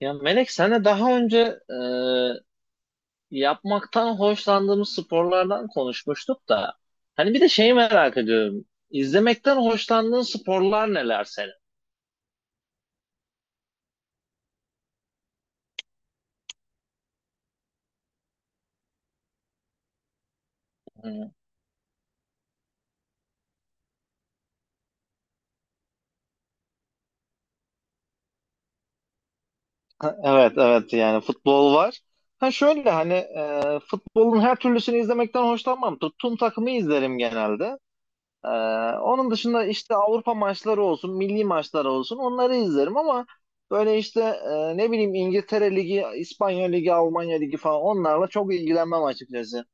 Ya Melek senle daha önce yapmaktan hoşlandığımız sporlardan konuşmuştuk da hani bir de şeyi merak ediyorum. İzlemekten hoşlandığın sporlar neler senin? Hı. Ha, evet evet yani futbol var. Ha şöyle hani futbolun her türlüsünü izlemekten hoşlanmam. Tuttuğum takımı izlerim genelde. Ee, Onun dışında işte Avrupa maçları olsun, milli maçları olsun onları izlerim ama böyle işte ne bileyim İngiltere Ligi, İspanya Ligi, Almanya Ligi falan onlarla çok ilgilenmem açıkçası.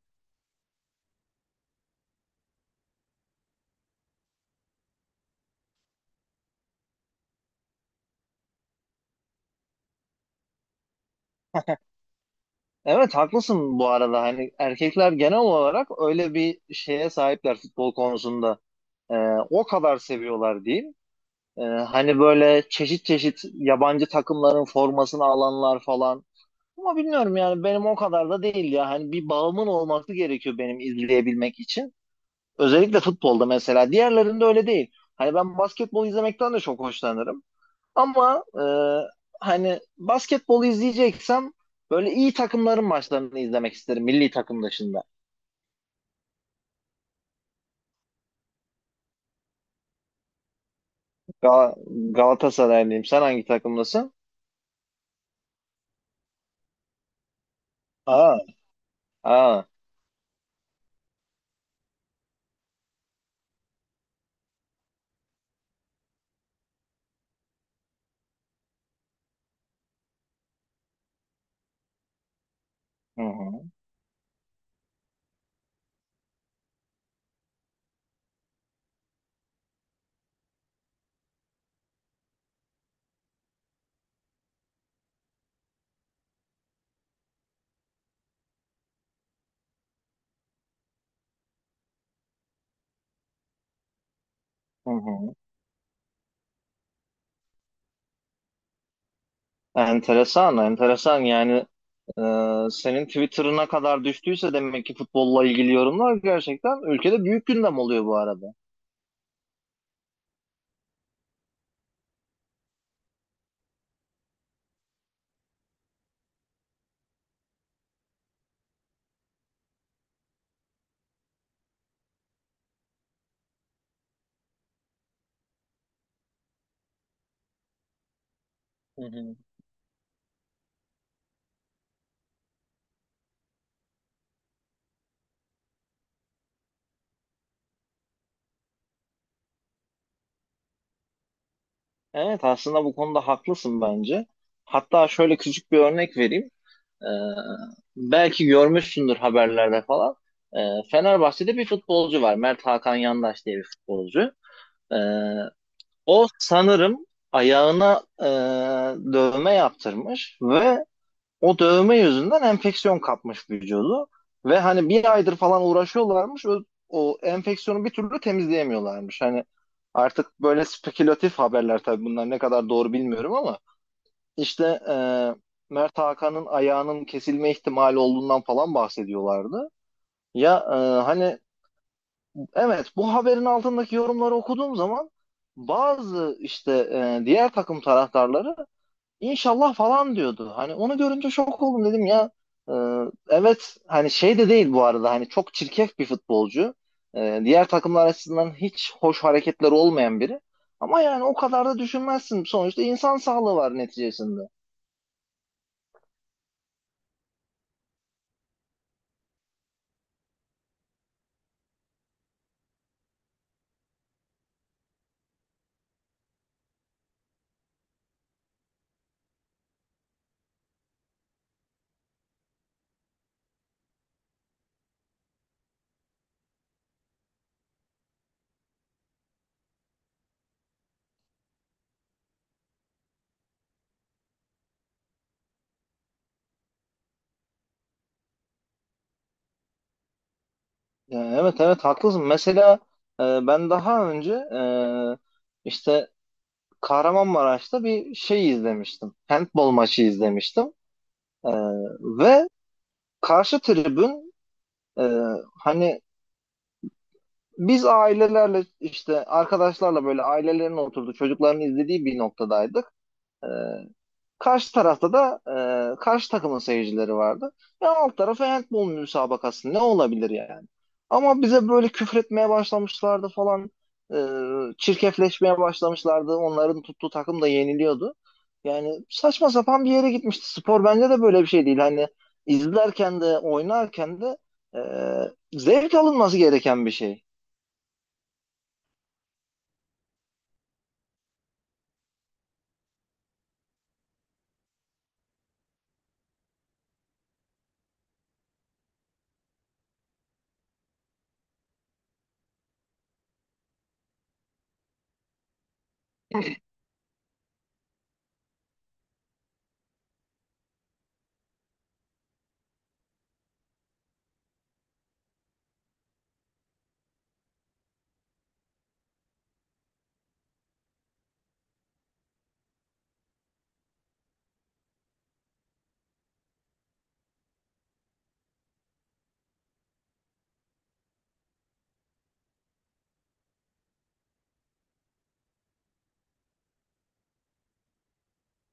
Evet haklısın, bu arada hani erkekler genel olarak öyle bir şeye sahipler futbol konusunda. Ee, O kadar seviyorlar diyeyim. Hani böyle çeşit çeşit yabancı takımların formasını alanlar falan. Ama bilmiyorum yani benim o kadar da değil ya. Hani bir bağımın olması gerekiyor benim izleyebilmek için. Özellikle futbolda mesela. Diğerlerinde öyle değil. Hani ben basketbol izlemekten de çok hoşlanırım. Ama hani basketbol izleyeceksem böyle iyi takımların maçlarını izlemek isterim milli takım dışında. Gal Galatasaraylıyım. Sen hangi takımdasın? Aa, aa. Hı hı. Hı hı. Enteresan, enteresan. Yani e, senin Twitter'ına kadar düştüyse demek ki futbolla ilgili yorumlar gerçekten ülkede büyük gündem oluyor bu arada. Hı hı. Evet aslında bu konuda haklısın bence. Hatta şöyle küçük bir örnek vereyim. Ee, Belki görmüşsündür haberlerde falan. Ee, Fenerbahçe'de bir futbolcu var. Mert Hakan Yandaş diye bir futbolcu. Ee, O sanırım ayağına dövme yaptırmış ve o dövme yüzünden enfeksiyon kapmış vücudu ve hani bir aydır falan uğraşıyorlarmış. O enfeksiyonu bir türlü temizleyemiyorlarmış. Hani artık böyle spekülatif haberler, tabii bunlar ne kadar doğru bilmiyorum ama işte Mert Hakan'ın ayağının kesilme ihtimali olduğundan falan bahsediyorlardı. Ya hani evet, bu haberin altındaki yorumları okuduğum zaman bazı işte diğer takım taraftarları İnşallah falan diyordu. Hani onu görünce şok oldum dedim ya. Ee, evet hani şey de değil bu arada, hani çok çirkef bir futbolcu. Diğer takımlar açısından hiç hoş hareketler olmayan biri. Ama yani o kadar da düşünmezsin. Sonuçta insan sağlığı var neticesinde. Evet evet haklısın. Mesela ben daha önce işte Kahramanmaraş'ta bir şey izlemiştim. Handball maçı izlemiştim. Ee, Ve karşı tribün, e, hani biz ailelerle işte arkadaşlarla böyle ailelerin oturduğu, çocukların izlediği bir noktadaydık. Ee, Karşı tarafta da karşı takımın seyircileri vardı. Ya alt tarafı handball müsabakası, ne olabilir yani? Ama bize böyle küfretmeye başlamışlardı falan. Çirkefleşmeye başlamışlardı. Onların tuttuğu takım da yeniliyordu. Yani saçma sapan bir yere gitmişti. Spor bence de böyle bir şey değil. Hani izlerken de oynarken de zevk alınması gereken bir şey.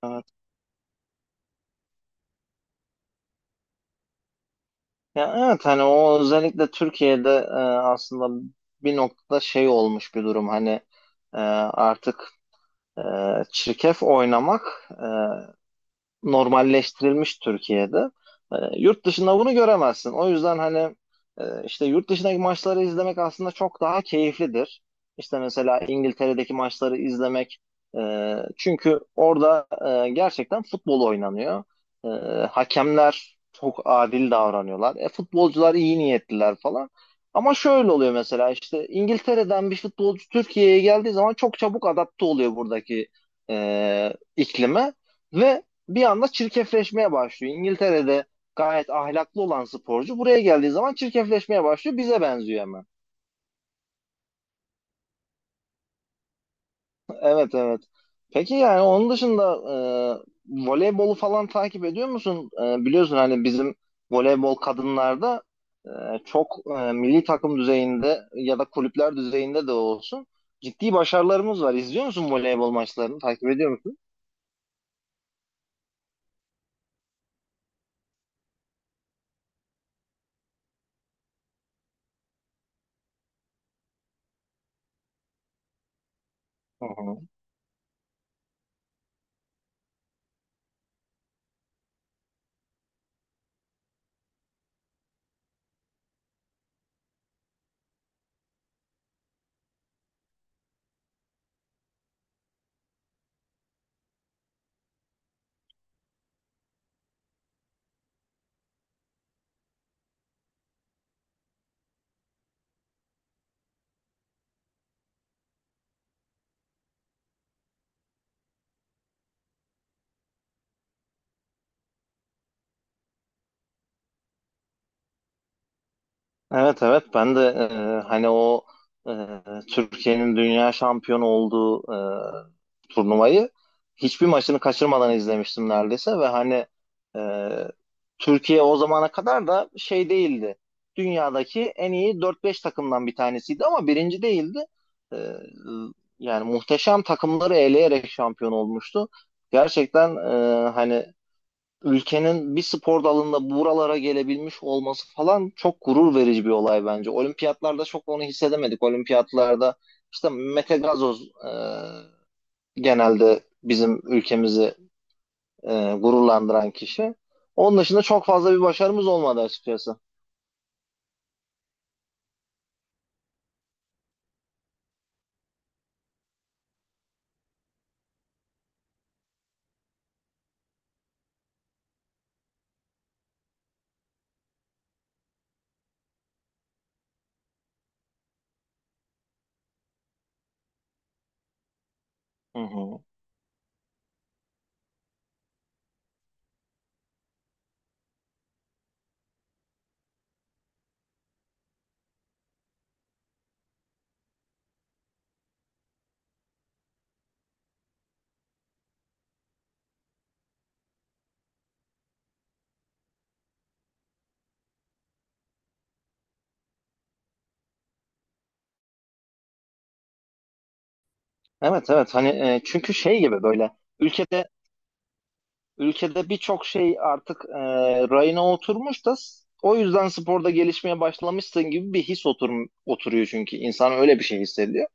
Yani Ya evet, hani o özellikle Türkiye'de aslında bir noktada şey olmuş bir durum, hani artık e, çirkef oynamak normalleştirilmiş Türkiye'de. Yurt dışında bunu göremezsin. O yüzden hani işte yurt dışındaki maçları izlemek aslında çok daha keyiflidir. İşte mesela İngiltere'deki maçları izlemek, çünkü orada gerçekten futbol oynanıyor. E, Hakemler çok adil davranıyorlar. Futbolcular iyi niyetliler falan. Ama şöyle oluyor, mesela işte İngiltere'den bir futbolcu Türkiye'ye geldiği zaman çok çabuk adapte oluyor, buradaki iklime ve bir anda çirkefleşmeye başlıyor. İngiltere'de gayet ahlaklı olan sporcu buraya geldiği zaman çirkefleşmeye başlıyor. Bize benziyor hemen. Evet evet. Peki yani onun dışında voleybolu falan takip ediyor musun? Biliyorsun hani bizim voleybol kadınlarda e, çok, milli takım düzeyinde ya da kulüpler düzeyinde de olsun ciddi başarılarımız var. İzliyor musun voleybol maçlarını? Takip ediyor musun? Hı hı. Evet evet ben de hani o e, Türkiye'nin dünya şampiyonu olduğu turnuvayı hiçbir maçını kaçırmadan izlemiştim neredeyse ve hani e, Türkiye o zamana kadar da şey değildi. Dünyadaki en iyi dört beş takımdan bir tanesiydi ama birinci değildi. E, Yani muhteşem takımları eleyerek şampiyon olmuştu. Gerçekten hani ülkenin bir spor dalında buralara gelebilmiş olması falan çok gurur verici bir olay bence. Olimpiyatlarda çok onu hissedemedik. Olimpiyatlarda işte Mete Gazoz, genelde bizim ülkemizi gururlandıran kişi. Onun dışında çok fazla bir başarımız olmadı açıkçası. Hı hı. Evet evet hani çünkü şey gibi böyle ülkede Ülkede birçok şey artık rayına oturmuş da o yüzden sporda gelişmeye başlamışsın gibi bir his oturuyor çünkü. İnsan öyle bir şey hissediyor.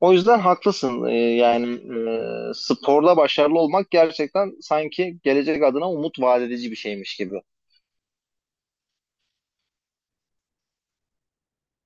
O yüzden haklısın. Yani sporda başarılı olmak gerçekten sanki gelecek adına umut vaat edici bir şeymiş gibi.